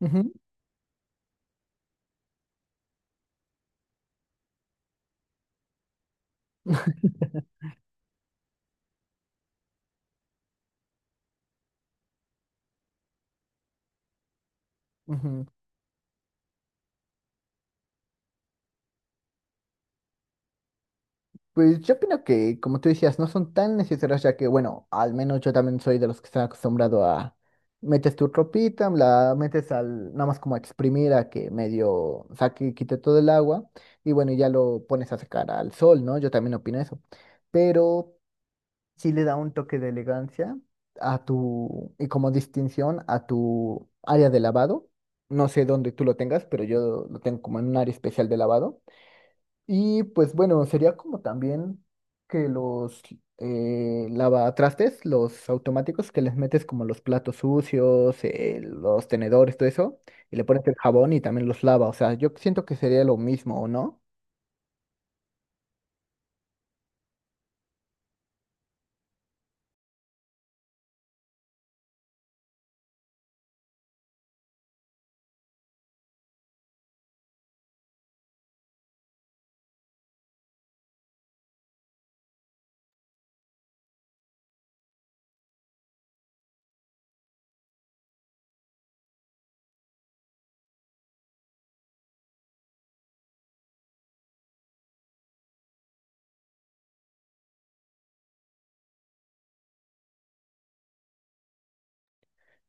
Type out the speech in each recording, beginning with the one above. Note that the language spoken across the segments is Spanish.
Ujú, ujú. Pues yo opino que, como tú decías, no son tan necesarias, ya que, bueno, al menos yo también soy de los que están acostumbrado a metes tu ropita, la metes al, nada más como a exprimir a que medio saque y quite todo el agua, y bueno, ya lo pones a secar al sol, ¿no? Yo también opino eso. Pero sí le da un toque de elegancia a tu, y como distinción a tu área de lavado. No sé dónde tú lo tengas, pero yo lo tengo como en un área especial de lavado. Y pues bueno, sería como también que los lavatrastes, los automáticos que les metes como los platos sucios, los tenedores, todo eso, y le pones el jabón y también los lava. O sea, yo siento que sería lo mismo, ¿o no?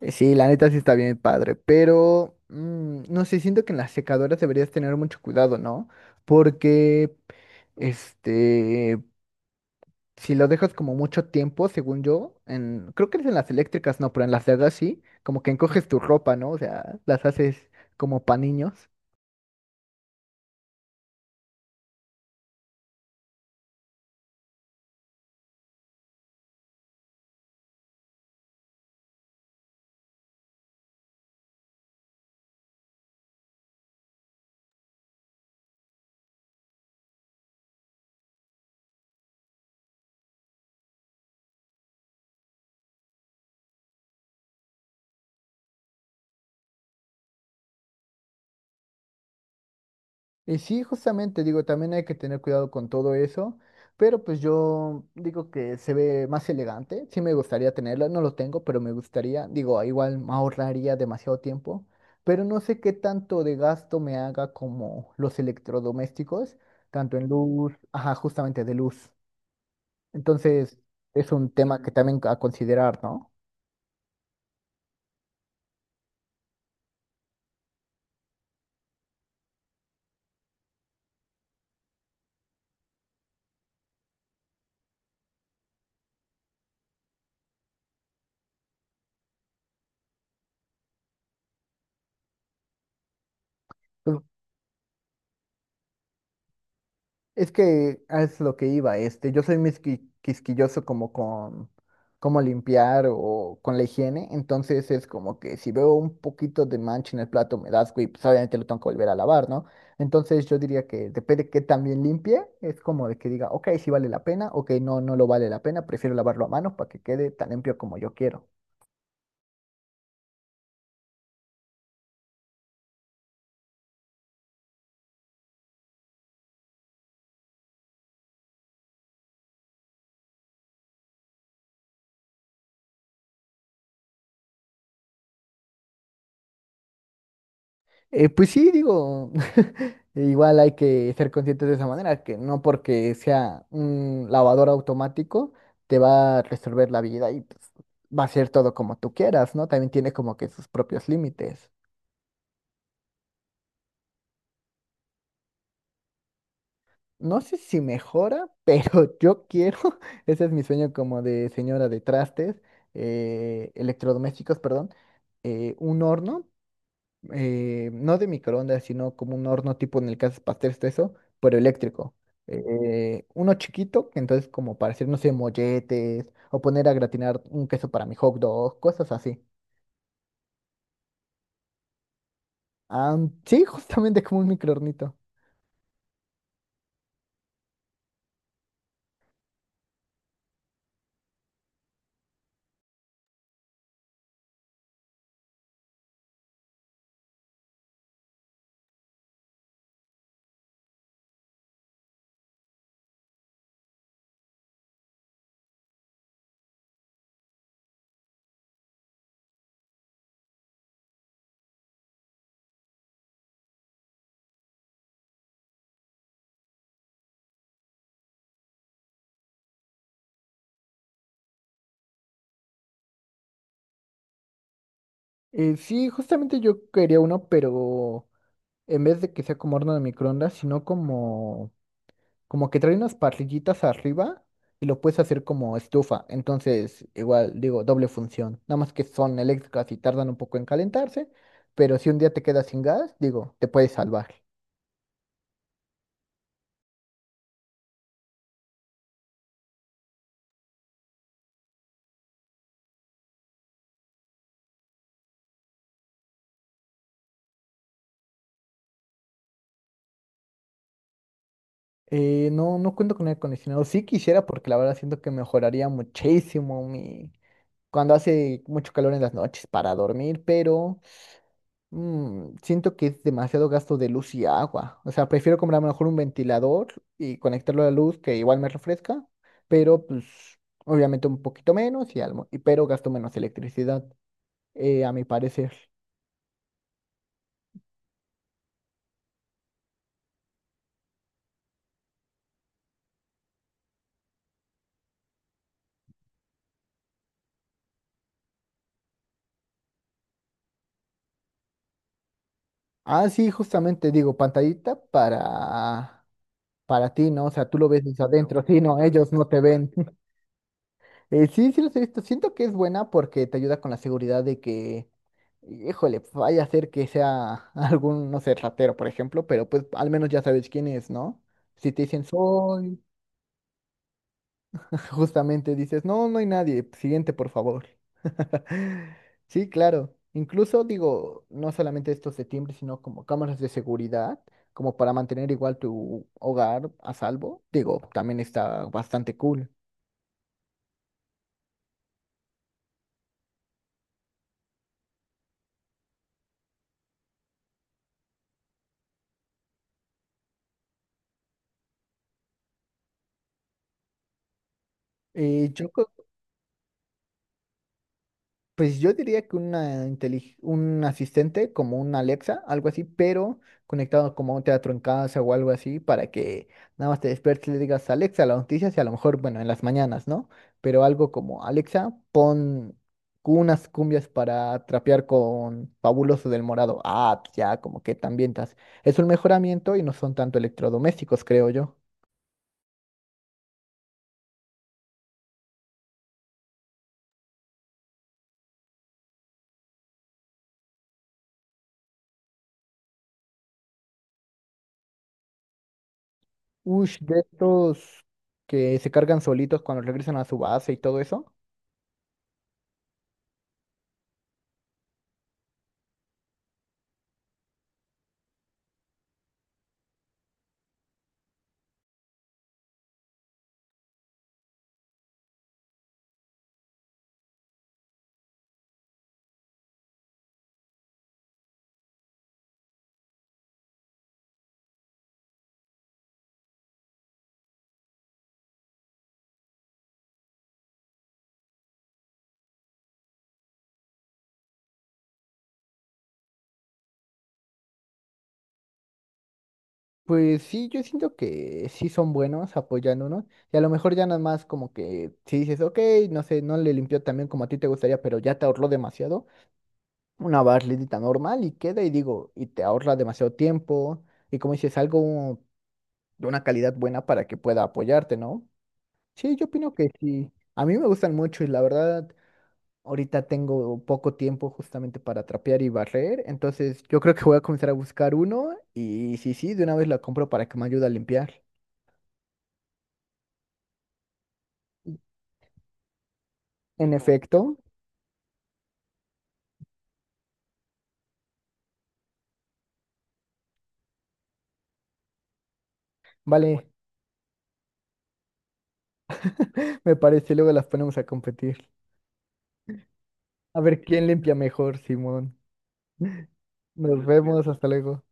Sí, la neta sí está bien padre, pero no sé, siento que en las secadoras deberías tener mucho cuidado, ¿no? Porque, este, si lo dejas como mucho tiempo, según yo, en, creo que es en las eléctricas, no, pero en las de gas sí, como que encoges tu ropa, ¿no? O sea, las haces como pa' niños. Y sí, justamente, digo, también hay que tener cuidado con todo eso, pero pues yo digo que se ve más elegante, sí me gustaría tenerlo, no lo tengo, pero me gustaría, digo, igual me ahorraría demasiado tiempo, pero no sé qué tanto de gasto me haga como los electrodomésticos, tanto en luz, ajá, justamente de luz. Entonces, es un tema que también a considerar, ¿no? Pues, es que es lo que iba, yo soy muy quisquilloso como con cómo limpiar o con la higiene, entonces es como que si veo un poquito de mancha en el plato me da asco y pues obviamente lo tengo que volver a lavar, ¿no? Entonces yo diría que depende de qué también limpie, es como de que diga, ok, sí vale la pena, ok, no, no lo vale la pena, prefiero lavarlo a mano para que quede tan limpio como yo quiero. Pues sí, digo, igual hay que ser conscientes de esa manera, que no porque sea un lavador automático te va a resolver la vida y pues, va a ser todo como tú quieras, ¿no? También tiene como que sus propios límites. No sé si mejora, pero yo quiero, ese es mi sueño como de señora de trastes, electrodomésticos, perdón, un horno no de microondas, sino como un horno tipo en el que haces pasteles, todo eso, pero eléctrico. Uno chiquito, que entonces como para hacer, no sé, molletes o poner a gratinar un queso para mi hot dog, cosas así. Ah, sí, justamente como un microhornito. Sí, justamente yo quería uno, pero en vez de que sea como horno de microondas, sino como como que trae unas parrillitas arriba y lo puedes hacer como estufa. Entonces, igual, digo, doble función. Nada más que son eléctricas y tardan un poco en calentarse, pero si un día te quedas sin gas, digo, te puedes salvar. No, no cuento con aire acondicionado. Sí quisiera porque la verdad siento que mejoraría muchísimo mi cuando hace mucho calor en las noches para dormir, pero siento que es demasiado gasto de luz y agua. O sea, prefiero comprar a lo mejor un ventilador y conectarlo a la luz que igual me refresca, pero pues obviamente un poquito menos y algo, y pero gasto menos electricidad, a mi parecer. Ah, sí, justamente digo, pantallita para ti, ¿no? O sea, tú lo ves desde adentro, sí, no, ellos no te ven. Sí, sí los he visto. Siento que es buena porque te ayuda con la seguridad de que híjole, pues, vaya a ser que sea algún, no sé, ratero, por ejemplo, pero pues al menos ya sabes quién es, ¿no? Si te dicen soy, justamente dices, no, no hay nadie, siguiente, por favor. Sí, claro. Incluso digo, no solamente estos de timbre, sino como cámaras de seguridad, como para mantener igual tu hogar a salvo. Digo, también está bastante cool. Yo creo pues yo diría que una un asistente como un Alexa, algo así, pero conectado como a un teatro en casa o algo así, para que nada más te despiertes y le digas Alexa las noticias y a lo mejor, bueno, en las mañanas, ¿no? Pero algo como Alexa, pon unas cumbias para trapear con Fabuloso del Morado. Ah, pues ya, como que te ambientas. Es un mejoramiento y no son tanto electrodomésticos, creo yo. Ush, de estos que se cargan solitos cuando regresan a su base y todo eso. Pues sí, yo siento que sí son buenos, apoyan unos. Y a lo mejor ya nada más como que si dices, ok, no sé, no le limpió tan bien como a ti te gustaría, pero ya te ahorró demasiado. Una barridita normal y queda y digo, y te ahorra demasiado tiempo. Y como dices, algo de una calidad buena para que pueda apoyarte, ¿no? Sí, yo opino que sí. A mí me gustan mucho y la verdad, ahorita tengo poco tiempo justamente para trapear y barrer. Entonces yo creo que voy a comenzar a buscar uno y sí, sí, de una vez la compro para que me ayude a limpiar. En efecto, vale, me parece, luego las ponemos a competir. A ver quién limpia mejor, Simón. Nos vemos, hasta luego.